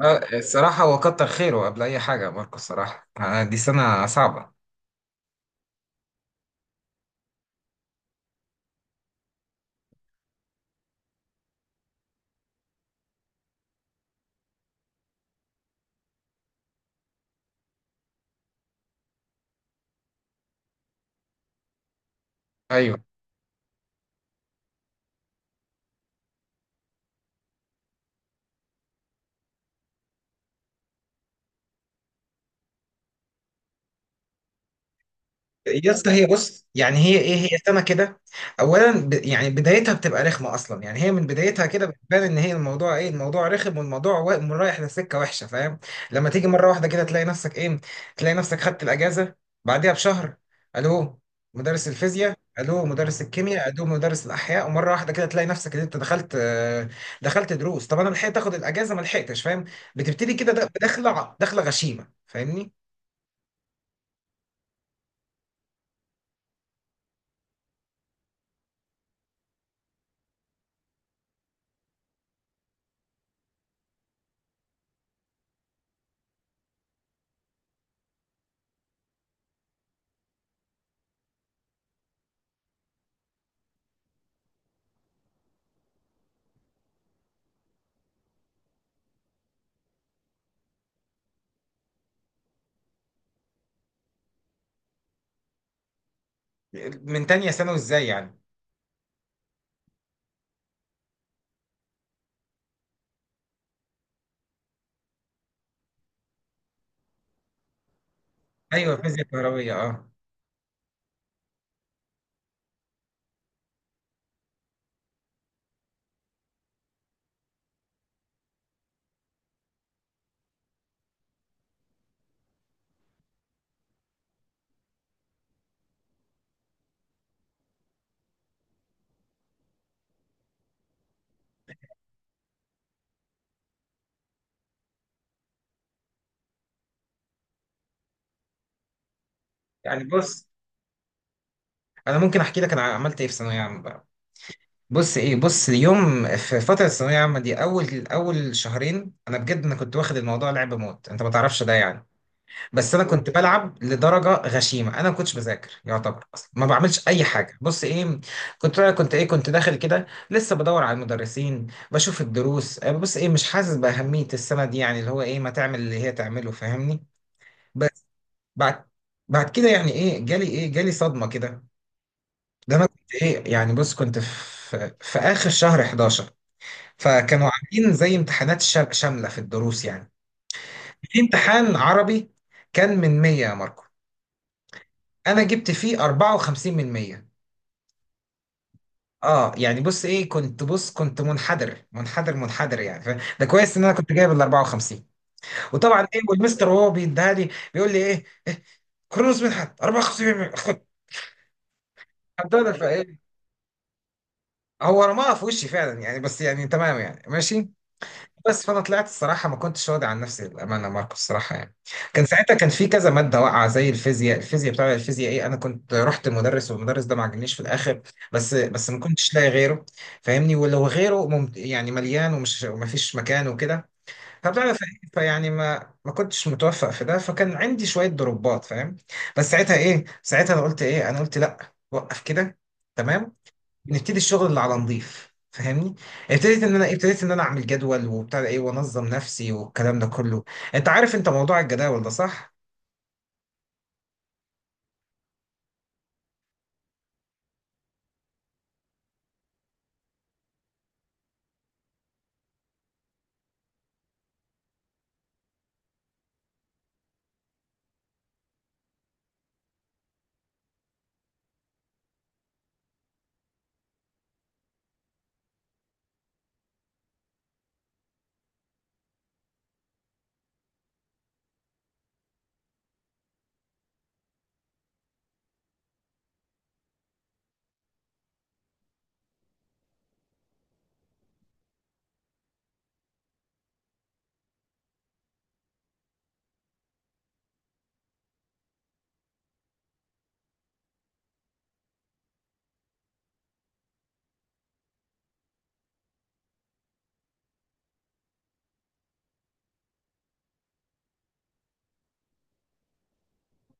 آه، الصراحة هو كتر خيره قبل أي حاجة ماركو. الصراحة دي سنة صعبة. أيوه، يا اسطى هي بص، يعني هي سنه كده. اولا يعني بدايتها بتبقى رخمه اصلا، يعني هي من بدايتها كده بتبان ان هي الموضوع الموضوع رخم، رايح لسكه وحشه، فاهم؟ لما تيجي مره واحده كده تلاقي نفسك خدت الاجازه بعديها بشهر. الو مدرس الفيزياء، الو مدرس الكيمياء، الو مدرس الاحياء، ومره واحده كده تلاقي نفسك ان انت دخلت دروس طب. انا لحقت اخد الاجازه ما لحقتش، فاهم؟ بتبتدي كده داخله داخله غشيمه، فاهمني؟ من تانية ثانوي ازاي يعني؟ ايوه، فيزياء كهربيه، اه. يعني بص، انا ممكن احكي لك انا عملت ايه في ثانويه عامه بقى. بص اليوم في فتره الثانويه العامه دي، اول اول شهرين انا كنت واخد الموضوع لعب موت، انت ما تعرفش ده يعني. بس انا كنت بلعب لدرجه غشيمه، انا ما كنتش بذاكر يعتبر، اصلا ما بعملش اي حاجه. بص ايه كنت داخل كده لسه بدور على المدرسين بشوف الدروس بص ايه مش حاسس باهميه السنه دي، يعني اللي هو ايه ما تعمل اللي هي تعمله، فاهمني؟ بعد بعد كده يعني ايه جالي ايه جالي صدمه كده. ده انا كنت ايه يعني، بص كنت في اخر شهر 11. فكانوا عاملين زي امتحانات شامله في الدروس يعني، في امتحان عربي كان من 100 يا ماركو، انا جبت فيه 54 من 100. اه يعني بص ايه، كنت منحدر منحدر منحدر يعني. ده كويس ان انا كنت جايب ال 54. وطبعا ايه، والمستر وهو بيديها لي بيقول لي إيه كرونوس منحت 54، خد. هو رماها في وشي فعلا يعني، بس يعني تمام يعني، ماشي. بس فانا طلعت الصراحه ما كنتش راضي عن نفسي، بامانه ماركو الصراحه يعني. كان ساعتها في كذا ماده واقعه زي الفيزياء، الفيزياء بتاع الفيزياء ايه. انا كنت رحت المدرس والمدرس ده ما عجبنيش في الاخر، بس ما كنتش لاقي غيره، فاهمني؟ ولو غيره يعني مليان، وما فيش مكان وكده. فبتاع ف- فيعني ما كنتش متوفق في ده، فكان عندي شويه ضربات، فاهم؟ بس ساعتها ايه، ساعتها انا قلت ايه، انا قلت لا، وقف كده، تمام، نبتدي الشغل اللي على نظيف، فاهمني؟ ابتديت ان انا، ابتديت ان انا اعمل جدول وبتاع، ده ايه، وانظم نفسي والكلام ده كله. انت عارف، انت موضوع الجداول ده صح؟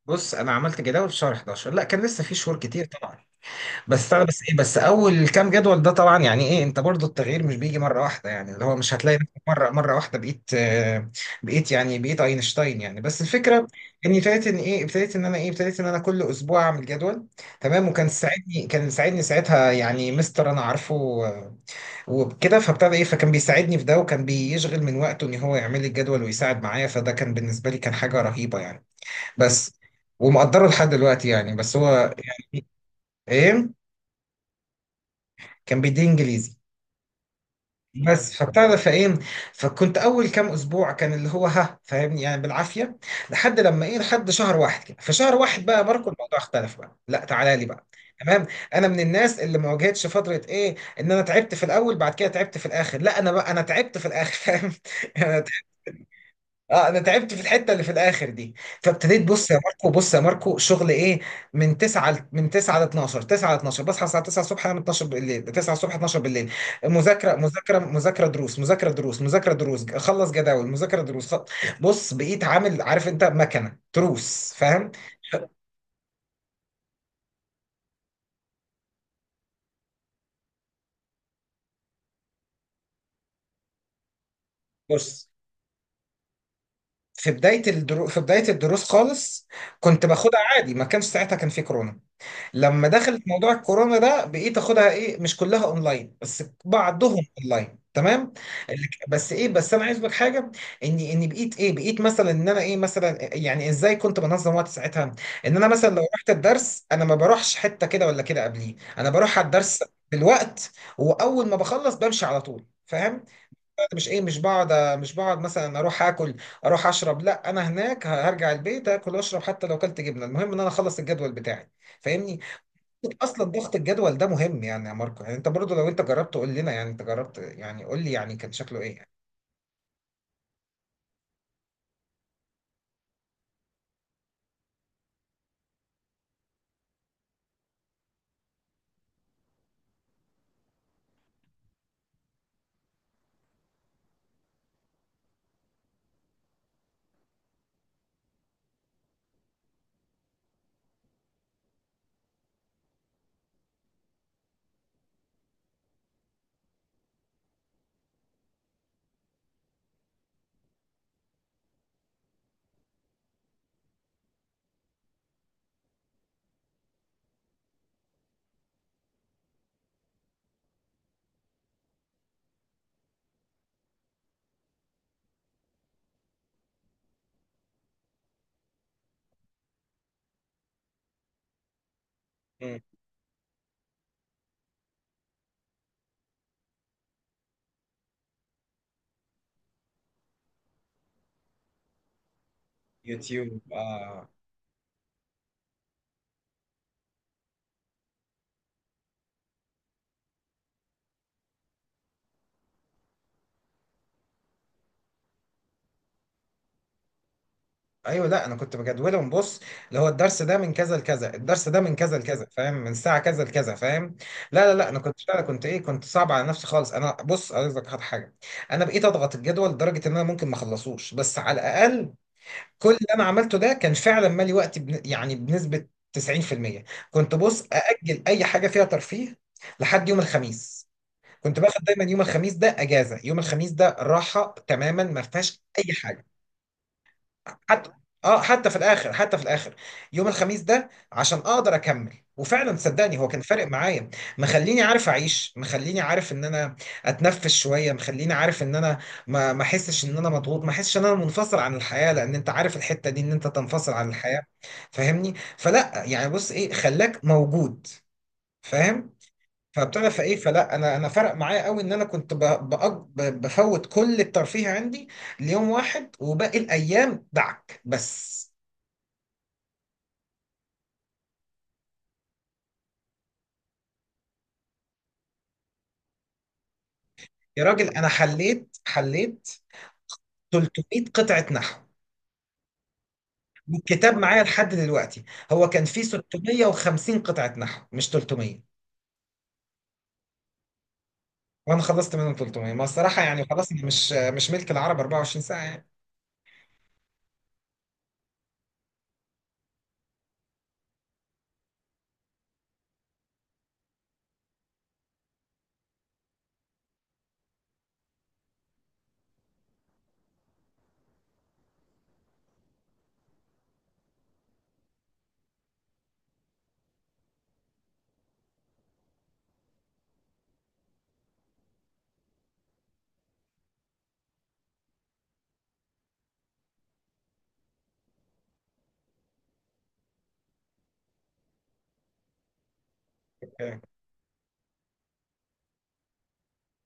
بص انا عملت جداول في شهر 11، لا كان لسه في شهور كتير طبعا. بس انا بس ايه بس اول كام جدول ده طبعا يعني ايه، انت برضو التغيير مش بيجي مره واحده، يعني اللي هو مش هتلاقي نفسك مره واحده بقيت بقيت يعني، بقيت اينشتاين يعني، بس الفكره اني ابتديت ان ايه، ابتديت ان انا ايه، ابتديت ان انا كل اسبوع اعمل جدول. تمام، وكان ساعدني، كان ساعدني ساعتها يعني مستر انا عارفه وكده، فابتدى ايه، فكان بيساعدني في ده، وكان بيشغل من وقته ان هو يعمل لي الجدول ويساعد معايا. فده كان بالنسبه لي كان حاجه رهيبه يعني، بس ومقدره لحد دلوقتي، يعني بس هو يعني ايه، كان بيديني انجليزي. بس فابتدى فايه، فكنت اول كام اسبوع كان اللي هو ها، فاهمني؟ يعني بالعافيه. لحد لما ايه، لحد شهر واحد كده، في شهر واحد بقى ماركو الموضوع اختلف بقى، لا تعالى لي بقى، تمام. انا من الناس اللي ما واجهتش فتره ايه ان انا تعبت في الاول بعد كده تعبت في الاخر، لا انا بقى انا تعبت في الاخر. فاهم؟ اه انا تعبت في الحته اللي في الاخر دي. فابتديت، بص يا ماركو، بص يا ماركو، شغل ايه، من 9 من 9 ل 12، 9 ل 12، بصحى الساعه 9 الصبح، انام 12 بالليل، 9 الصبح 12 بالليل. مذاكره مذاكره مذاكره، دروس، مذاكره دروس، مذاكره دروس، اخلص جداول، مذاكره دروس، بص بقيت عامل، عارف انت مكنه تروس، فاهم؟ بص في بدايه الدروس خالص كنت باخدها عادي ما كانش، ساعتها كان في كورونا. لما دخلت موضوع الكورونا ده بقيت اخدها ايه، مش كلها اونلاين بس بعضهم اونلاين، تمام. بس انا عايز اقول لك حاجه، اني بقيت ايه، بقيت مثلا ان انا ايه، مثلا يعني ازاي كنت بنظم وقت ساعتها، ان انا مثلا لو رحت الدرس انا ما بروحش حته كده ولا كده قبليه، انا بروح على الدرس بالوقت، واول ما بخلص بمشي على طول، فاهم؟ مش بقعد، مش بقعد مثلا اروح اكل، اروح اشرب، لا انا هناك هرجع البيت اكل واشرب حتى لو كلت جبنه، المهم ان انا اخلص الجدول بتاعي، فاهمني؟ اصلا ضغط الجدول ده مهم يعني، يا ماركو يعني انت برضو لو انت جربت قول لنا، يعني انت جربت، يعني قول لي يعني كان شكله ايه يعني. مم. يوتيوب، آه. ايوه لا، انا كنت بجدولهم، بص اللي هو الدرس ده من كذا لكذا، الدرس ده من كذا لكذا، فاهم، من ساعه كذا لكذا، فاهم؟ لا لا لا، انا كنت فعلا، كنت صعب على نفسي خالص. انا بص عايز لك حاجه، انا بقيت اضغط الجدول لدرجه ان انا ممكن ما اخلصوش، بس على الاقل كل اللي انا عملته ده كان فعلا مالي وقتي يعني بنسبة 90%، كنت بص اجل اي حاجة فيها ترفيه لحد يوم الخميس. كنت باخد دايما يوم الخميس ده اجازة، يوم الخميس ده راحة تماما ما فيهاش اي حاجة، حتى، اه حتى في الاخر، حتى في الاخر يوم الخميس ده، عشان اقدر اكمل. وفعلا صدقني هو كان فارق معايا، مخليني عارف اعيش، مخليني عارف ان انا اتنفس شويه، مخليني عارف ان انا ما احسش ان انا مضغوط، ما احسش ان انا منفصل عن الحياه، لان انت عارف الحته دي ان انت تنفصل عن الحياه، فاهمني؟ فلا يعني، بص ايه، خلاك موجود، فاهم؟ فابتدى فايه، فلا انا فرق معايا قوي ان انا كنت بأج- بفوت كل الترفيه عندي ليوم واحد، وباقي الايام دعك بس. يا راجل انا حليت 300 قطعة نحو، والكتاب معايا لحد دلوقتي، هو كان فيه 650 قطعة نحو مش 300، وانا خلصت منهم 300. ما الصراحة يعني خلاص، أنا مش ملك العرب 24 ساعة يعني. أوكي،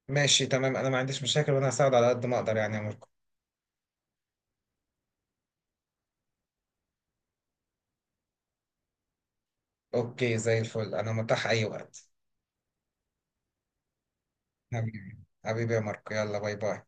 ماشي، تمام، انا ما عنديش مشاكل، وانا هساعد على قد ما اقدر يعني يا ماركو. اوكي، زي الفل، انا متاح اي وقت. حبيبي، حبيبي يا ماركو، يلا باي باي.